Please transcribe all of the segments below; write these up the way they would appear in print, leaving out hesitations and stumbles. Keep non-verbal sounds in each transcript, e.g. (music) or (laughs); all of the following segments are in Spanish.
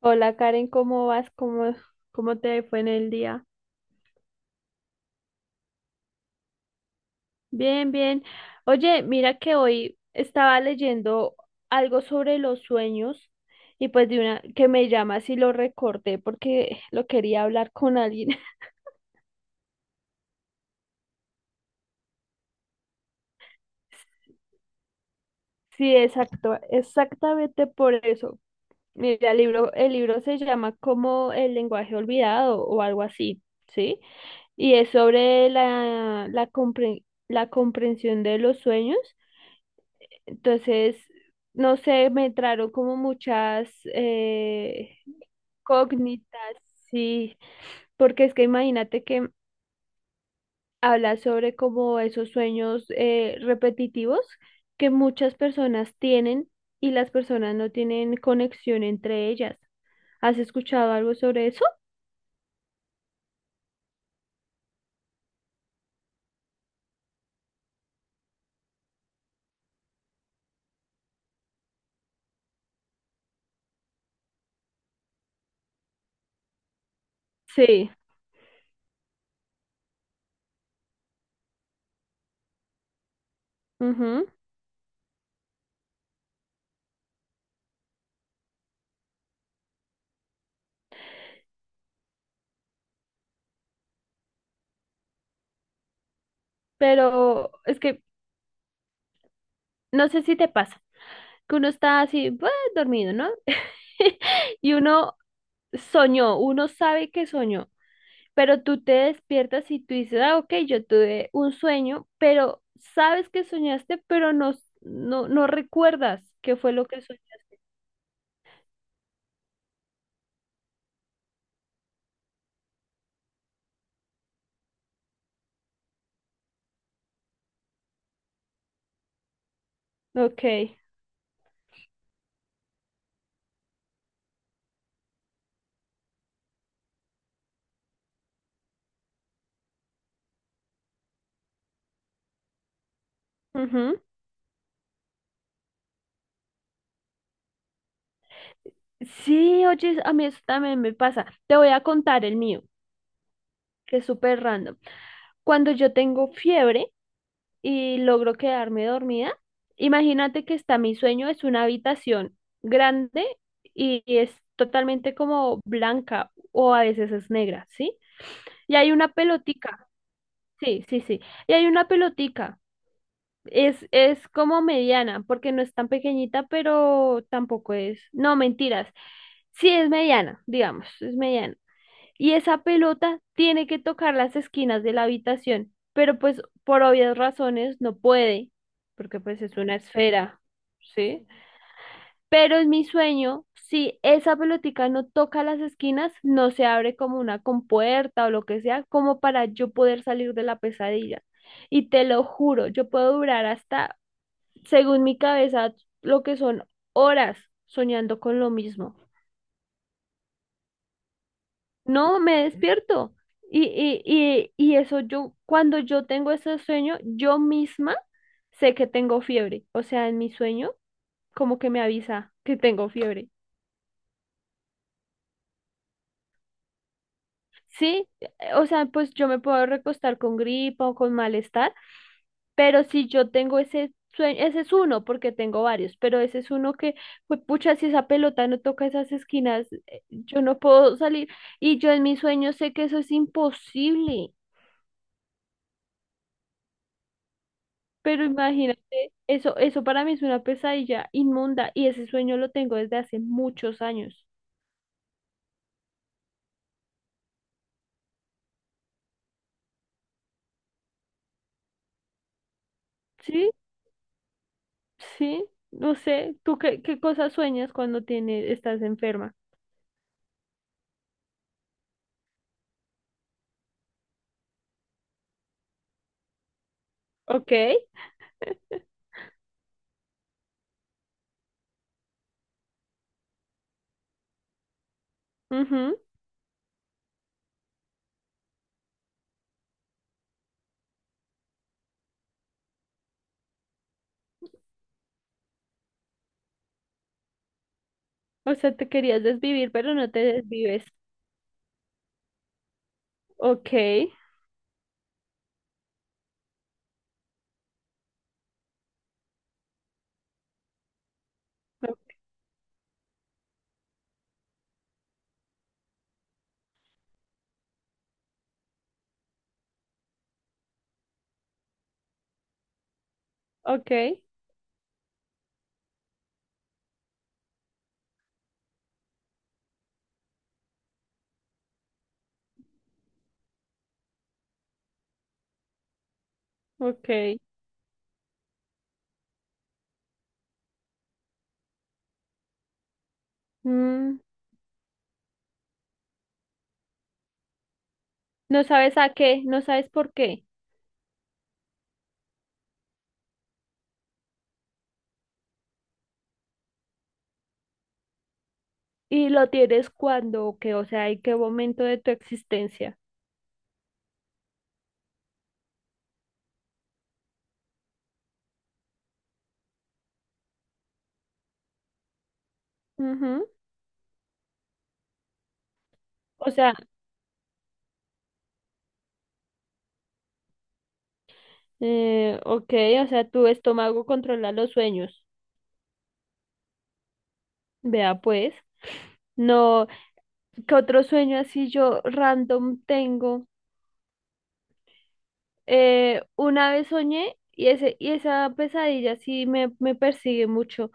Hola Karen, ¿cómo vas? ¿Cómo te fue en el día? Bien, bien. Oye, mira que hoy estaba leyendo algo sobre los sueños y pues de una que me llama si lo recorté porque lo quería hablar con alguien. (laughs) Sí, exacto, exactamente por eso. Mira, el libro se llama como El lenguaje olvidado o algo así, ¿sí? Y es sobre la comprensión de los sueños. Entonces, no sé, me entraron como muchas cógnitas, sí, porque es que imagínate que habla sobre como esos sueños repetitivos que muchas personas tienen y las personas no tienen conexión entre ellas. ¿Has escuchado algo sobre eso? Sí. Ujú. Pero es que no sé si te pasa, que uno está así, "Buah", dormido, ¿no? (laughs) Y uno soñó, uno sabe que soñó. Pero tú te despiertas y tú dices, ah, ok, yo tuve un sueño, pero sabes que soñaste, pero no recuerdas qué fue lo que soñaste. Ok. Ujú. Sí, oye, a mí eso también me pasa. Te voy a contar el mío, que es súper random. Cuando yo tengo fiebre y logro quedarme dormida, imagínate que está mi sueño, es una habitación grande y es totalmente como blanca o a veces es negra, ¿sí? Y hay una pelotica. Sí, sí, sí. Y hay una pelotica. Es como mediana, porque no es tan pequeñita, pero tampoco es. No, mentiras. Sí, es mediana, digamos, es mediana. Y esa pelota tiene que tocar las esquinas de la habitación, pero pues por obvias razones no puede, porque pues es una esfera, ¿sí? Pero en mi sueño, si esa pelotica no toca las esquinas, no se abre como una compuerta o lo que sea, como para yo poder salir de la pesadilla. Y te lo juro, yo puedo durar hasta, según mi cabeza, lo que son horas soñando con lo mismo. No, me despierto. Y eso yo, cuando yo tengo ese sueño, yo misma sé que tengo fiebre. O sea, en mi sueño, como que me avisa que tengo fiebre. Sí, o sea, pues yo me puedo recostar con gripa o con malestar, pero si yo tengo ese sueño, ese es uno, porque tengo varios, pero ese es uno que, pues pucha, si esa pelota no toca esas esquinas, yo no puedo salir. Y yo en mi sueño sé que eso es imposible, pero imagínate, eso para mí es una pesadilla inmunda y ese sueño lo tengo desde hace muchos años. Sí, sí, no sé, ¿tú qué cosas sueñas cuando tienes, estás enferma? Ok. Ujú. O sea, te querías desvivir, pero no te desvives. Ok, ok, ok. Mm, no sabes a qué, no sabes por qué. Y lo tienes cuando o qué, o sea, en qué momento de tu existencia. Ujú. O sea, ok, o sea, tu estómago controla los sueños. Vea pues. No, ¿qué otro sueño así yo random tengo? Una vez soñé y esa pesadilla sí me persigue mucho.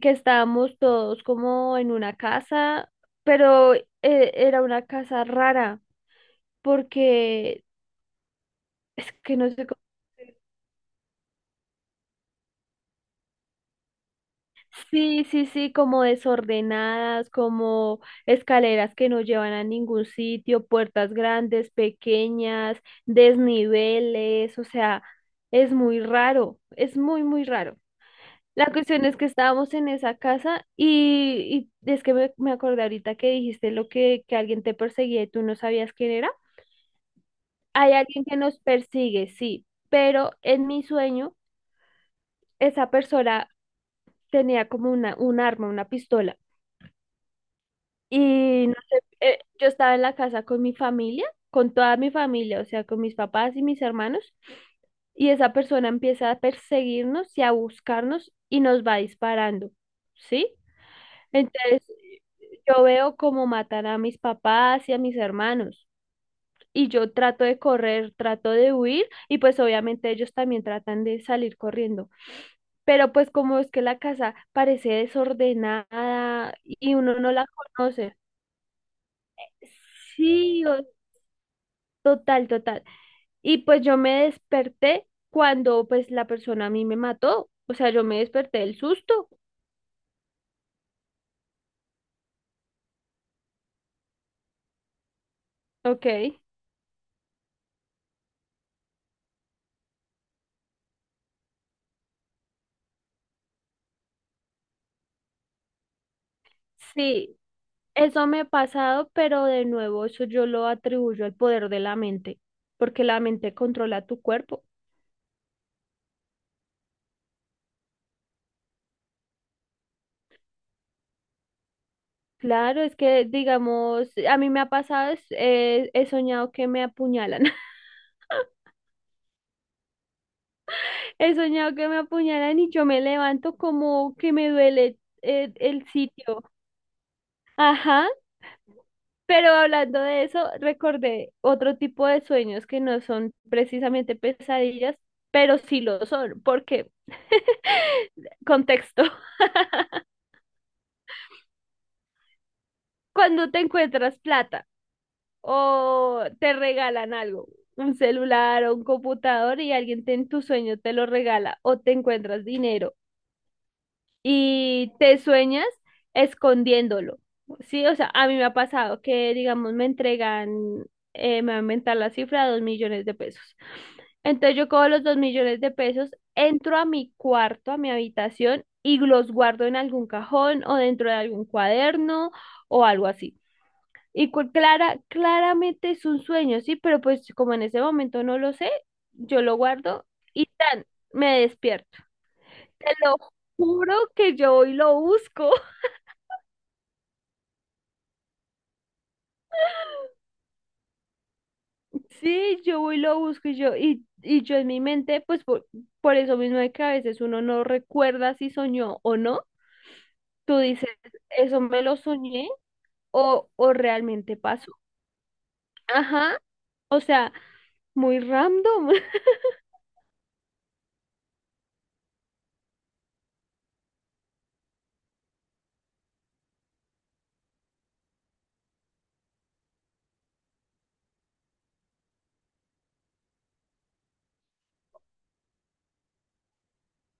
Que estábamos todos como en una casa, pero era una casa rara, porque es que no sé cómo. Sí, sí, sí, como desordenadas, como escaleras que no llevan a ningún sitio, puertas grandes, pequeñas, desniveles, o sea, es muy raro, es muy raro. La cuestión es que estábamos en esa casa y es que me acordé ahorita que dijiste que alguien te perseguía y tú no sabías quién era. Hay alguien que nos persigue, sí, pero en mi sueño esa persona tenía como un arma, una pistola. Y no sé, yo estaba en la casa con mi familia, con toda mi familia, o sea, con mis papás y mis hermanos, y esa persona empieza a perseguirnos y a buscarnos y nos va disparando, ¿sí? Entonces, yo veo cómo matan a mis papás y a mis hermanos. Y yo trato de correr, trato de huir y pues obviamente ellos también tratan de salir corriendo. Pero pues como es que la casa parece desordenada y uno no la conoce. Sí, o- total, total. Y pues yo me desperté cuando pues la persona a mí me mató. O sea, yo me desperté del susto. Ok. Sí, eso me ha pasado, pero de nuevo eso yo lo atribuyo al poder de la mente, porque la mente controla tu cuerpo. Claro, es que digamos, a mí me ha pasado, es- he soñado que me apuñalan, (laughs) he soñado que me apuñalan y yo me levanto como que me duele el sitio. Ajá, pero hablando de eso, recordé otro tipo de sueños que no son precisamente pesadillas, pero sí lo son, porque (laughs) contexto, (laughs) cuando te encuentras plata. O te regalan algo, un celular o un computador y alguien te- en tu sueño te lo regala o te encuentras dinero y te sueñas escondiéndolo. Sí, o sea, a mí me ha pasado que, digamos, me entregan, me va a inventar la cifra, 2 millones de pesos. Entonces yo cojo los 2 millones de pesos, entro a mi cuarto, a mi habitación y los guardo en algún cajón o dentro de algún cuaderno o algo así. Y claramente es un sueño, sí, pero pues como en ese momento no lo sé, yo lo guardo y tan, me despierto. Te lo juro que yo hoy lo busco. (laughs) Sí, yo voy y lo busco y yo en mi mente, pues por eso mismo de que a veces uno no recuerda si soñó o no, tú dices, eso me lo soñé o realmente pasó. Ajá, o sea, muy random. (laughs)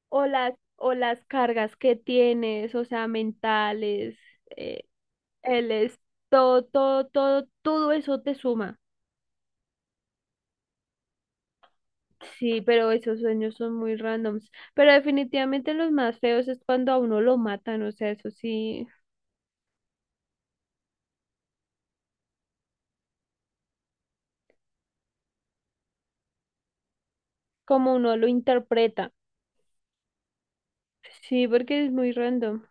O las cargas que tienes, o sea, mentales, eh, el es todo eso te suma. Sí, pero esos sueños son muy randoms. Pero definitivamente los más feos es cuando a uno lo matan, o sea, eso sí, como uno lo interpreta. Sí, porque es muy random.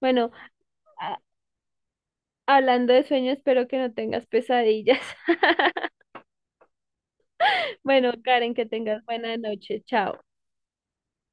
Bueno, a- hablando de sueños, espero que no tengas pesadillas. (laughs) Bueno, Karen, que tengas buena noche. Chao.